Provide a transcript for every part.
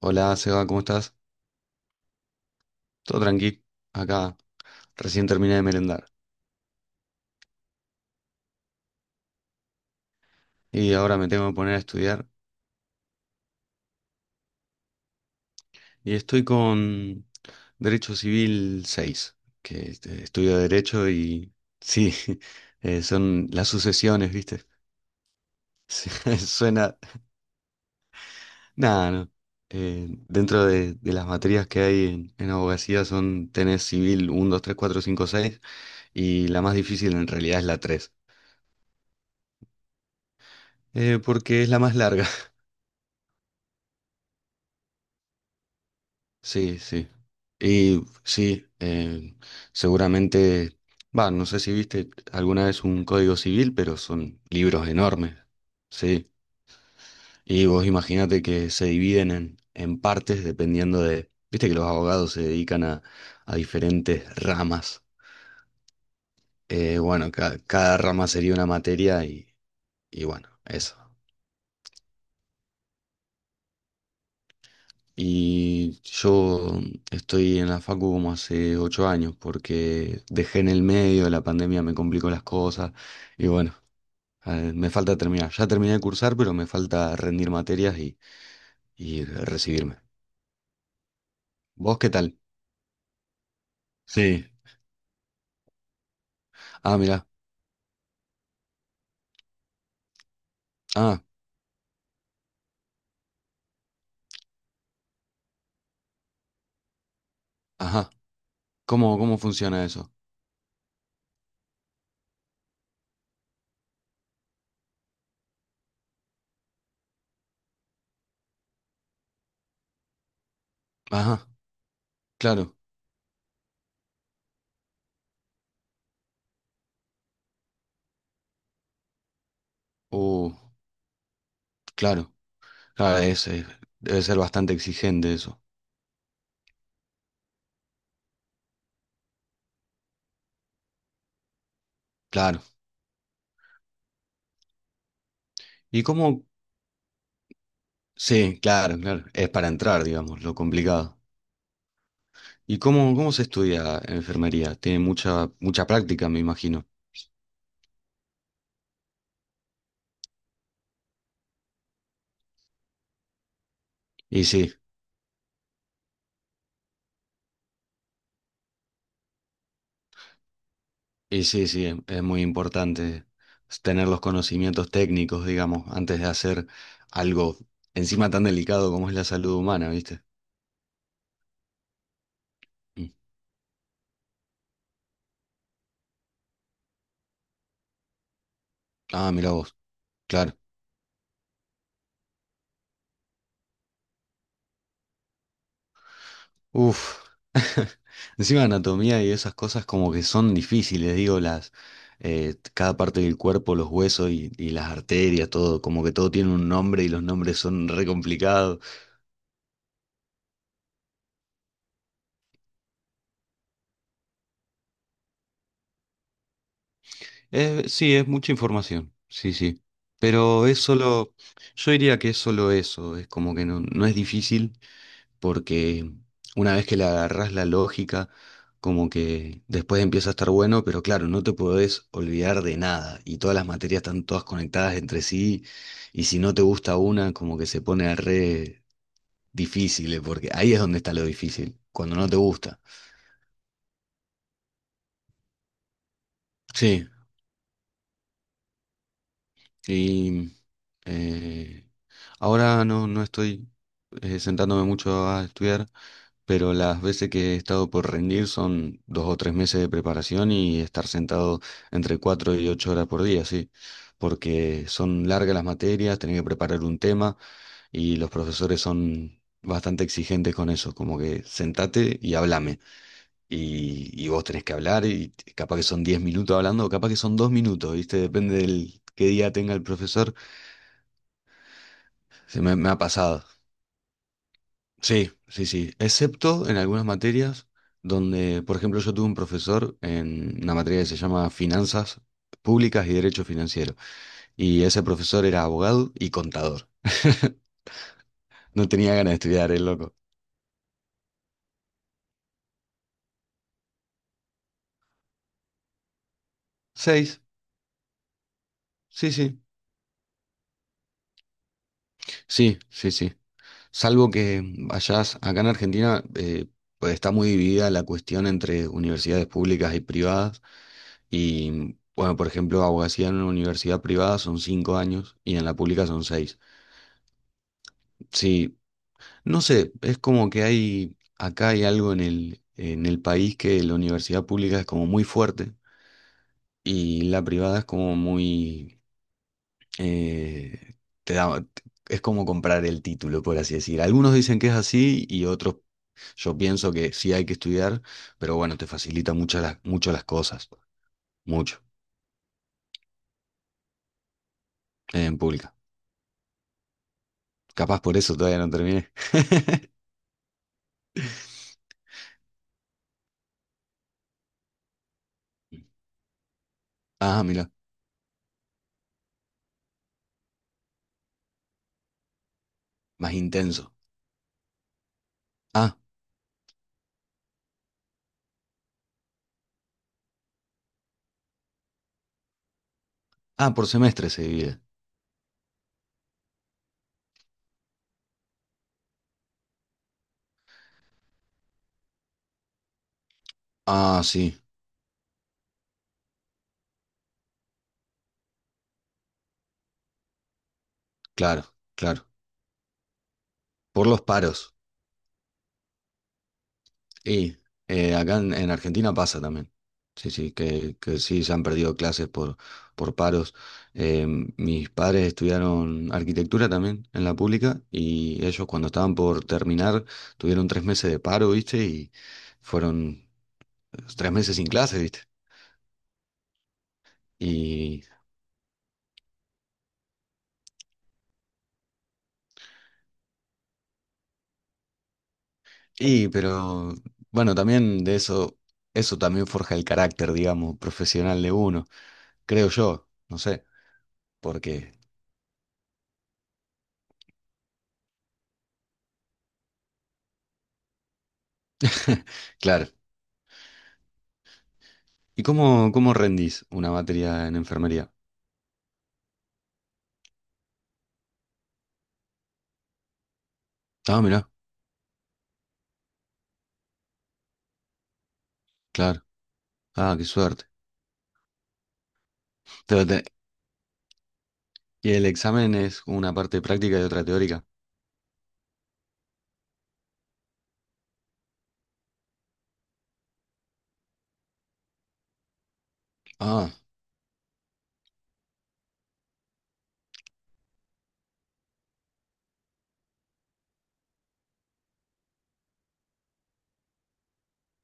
Hola, Seba, ¿cómo estás? Todo tranqui. Acá recién terminé de merendar y ahora me tengo que poner a estudiar. Y estoy con Derecho Civil 6, que estudio Derecho y sí, son las sucesiones, ¿viste? Sí, Suena... Nada, no. Dentro de las materias que hay en abogacía son tenés civil uno, 2, 3, 4, 5, 6 y la más difícil en realidad es la 3, porque es la más larga. Sí, sí. Y sí, seguramente, va, no sé si viste alguna vez un código civil, pero son libros enormes, sí. Y vos imaginate que se dividen en partes dependiendo de, viste que los abogados se dedican a diferentes ramas. Bueno, cada rama sería una materia y bueno, eso. Y yo estoy en la facu como hace 8 años, porque dejé en el medio, la pandemia me complicó las cosas, y bueno, me falta terminar. Ya terminé de cursar, pero me falta rendir materias y recibirme. ¿Vos qué tal? Sí. Ah, mirá. Ah, ajá. ¿Cómo funciona eso? Ajá, claro. Uh, claro. Claro, debe ser bastante exigente eso. Claro. ¿Y cómo? Sí, claro, claro. Es para entrar, digamos, lo complicado. ¿Y cómo se estudia enfermería? Tiene mucha, mucha práctica, me imagino. Y sí, y sí, sí, es muy importante tener los conocimientos técnicos, digamos, antes de hacer algo encima tan delicado como es la salud humana, ¿viste? Mm. Ah, mira vos, claro. Uf. Encima anatomía y esas cosas como que son difíciles, digo, las cada parte del cuerpo, los huesos y las arterias, todo, como que todo tiene un nombre y los nombres son re complicados. Sí, es mucha información, sí, sí. Pero es solo, yo diría que es solo eso, es como que no, no es difícil porque una vez que le agarrás la lógica, como que después empieza a estar bueno, pero claro, no te podés olvidar de nada y todas las materias están todas conectadas entre sí y si no te gusta una, como que se pone re difícil, porque ahí es donde está lo difícil, cuando no te gusta. Sí. Y eh, ahora no estoy sentándome mucho a estudiar, pero las veces que he estado por rendir son 2 o 3 meses de preparación y estar sentado entre 4 y 8 horas por día, sí, porque son largas las materias, tenés que preparar un tema y los profesores son bastante exigentes con eso, como que sentate y hablame. Y vos tenés que hablar y capaz que son 10 minutos hablando, o capaz que son 2 minutos, ¿viste? Depende del qué día tenga el profesor. Se me ha pasado. Sí, sí, sí. Excepto en algunas materias donde, por ejemplo, yo tuve un profesor en una materia que se llama Finanzas Públicas y Derecho Financiero. Y ese profesor era abogado y contador. No tenía ganas de estudiar, el loco. Seis. Sí, sí. Sí, sí, sí. Salvo que vayas acá en Argentina, pues está muy dividida la cuestión entre universidades públicas y privadas. Y bueno, por ejemplo, abogacía en una universidad privada son 5 años y en la pública son seis. Sí, no sé, es como que acá hay algo en el país que la universidad pública es como muy fuerte y la privada es como eh, te da, es como comprar el título, por así decir. Algunos dicen que es así y otros, yo pienso que sí hay que estudiar, pero bueno, te facilita mucho las, cosas, mucho, en pública. Capaz por eso todavía no terminé. Ah, mira. Más intenso. Ah, ah, por semestre se divide. Ah, sí, claro, claro. Por los paros. Y acá en Argentina pasa también. Sí, sí, que sí, se han perdido clases por paros. Eh, mis padres estudiaron arquitectura también en la pública y ellos cuando estaban por terminar tuvieron 3 meses de paro, ¿viste? Y fueron 3 meses sin clases, ¿viste? Pero bueno, también de eso, eso también forja el carácter, digamos, profesional de uno, creo yo, no sé, porque, claro. ¿Y cómo rendís una materia en enfermería? Ah, mirá, claro. Ah, qué suerte. Pero te- y el examen es una parte práctica y otra teórica. Ah,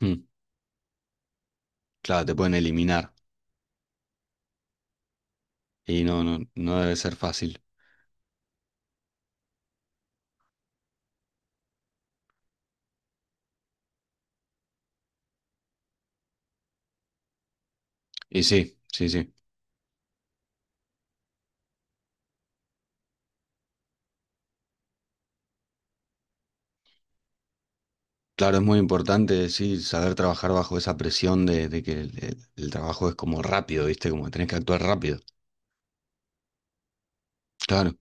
mm, claro, te pueden eliminar. Y no, no, no debe ser fácil. Y sí, sí, sí. Claro, es muy importante, sí, saber trabajar bajo esa presión de que el trabajo es como rápido, ¿viste? Como que tenés que actuar rápido. Claro,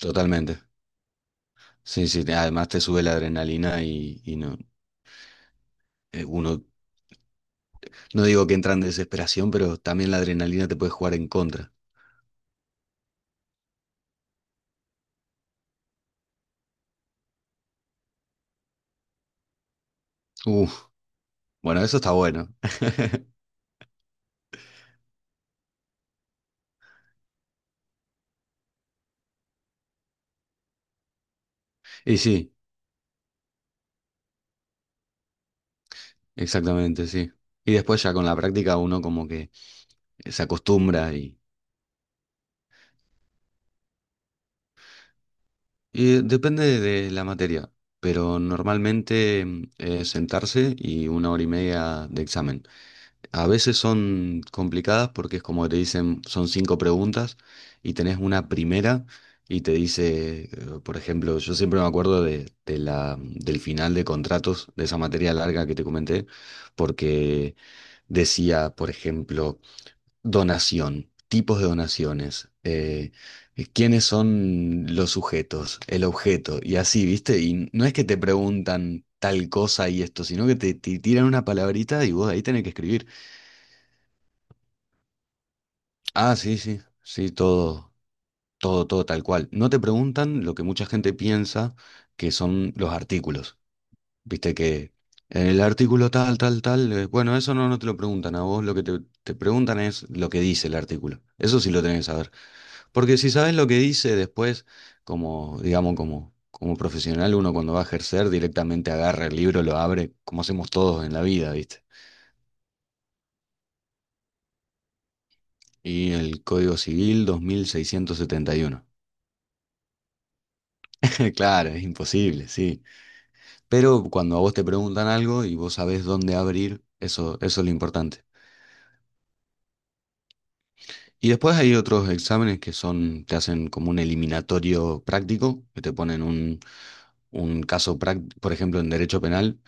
totalmente. Sí, sí, además te sube la adrenalina y no, uno, no digo que entra en desesperación, pero también la adrenalina te puede jugar en contra. Uf, bueno, eso está bueno. Y sí, exactamente, sí. Y después ya con la práctica uno como que se acostumbra. Depende de la materia, pero normalmente sentarse y una hora y media de examen. A veces son complicadas porque es como te dicen, son cinco preguntas y tenés una primera y te dice, por ejemplo, yo siempre me acuerdo del final de contratos, de esa materia larga que te comenté, porque decía, por ejemplo, donación, tipos de donaciones, quiénes son los sujetos, el objeto, y así, ¿viste? Y no es que te preguntan tal cosa y esto, sino que te tiran una palabrita y vos ahí tenés que escribir. Ah, sí, sí, sí, todo, todo, todo tal cual. No te preguntan lo que mucha gente piensa que son los artículos, ¿viste? Que en el artículo tal, tal, tal, bueno, eso no te lo preguntan a vos, lo que te preguntan es lo que dice el artículo. Eso sí lo tenés que saber. Porque si sabes lo que dice después, como, digamos, como profesional, uno cuando va a ejercer directamente agarra el libro, lo abre, como hacemos todos en la vida, ¿viste? Y el Código Civil 2671. Claro, es imposible, sí. Pero cuando a vos te preguntan algo y vos sabés dónde abrir, eso es lo importante. Y después hay otros exámenes que son, te hacen como un eliminatorio práctico, que te ponen un caso práctico, por ejemplo, en derecho penal,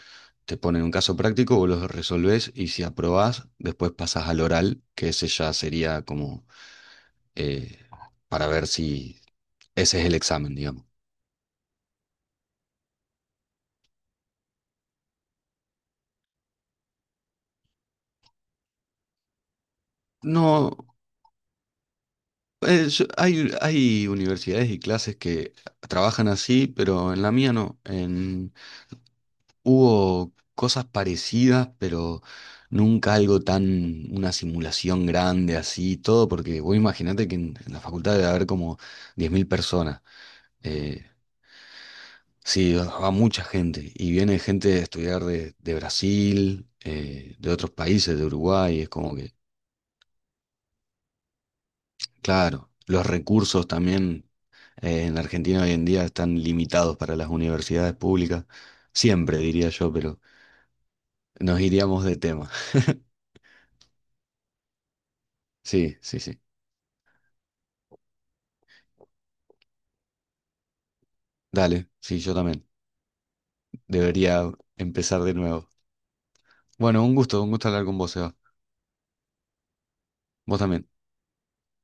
te ponen un caso práctico, vos lo resolvés y si aprobás, después pasás al oral, que ese ya sería como eh, para ver si ese es el examen, digamos. No, hay universidades y clases que trabajan así, pero en la mía no. Hubo cosas parecidas, pero nunca algo tan, una simulación grande así, todo, porque vos imaginate que en la facultad debe haber como 10.000 personas. Eh, sí, va mucha gente. Y viene gente a estudiar de Brasil, de otros países, de Uruguay. Es como que, claro, los recursos también en Argentina hoy en día están limitados para las universidades públicas. Siempre, diría yo, pero nos iríamos de tema. Sí, sí, sí. Dale, sí, yo también. Debería empezar de nuevo. Bueno, un gusto hablar con vos, Seba. Vos también.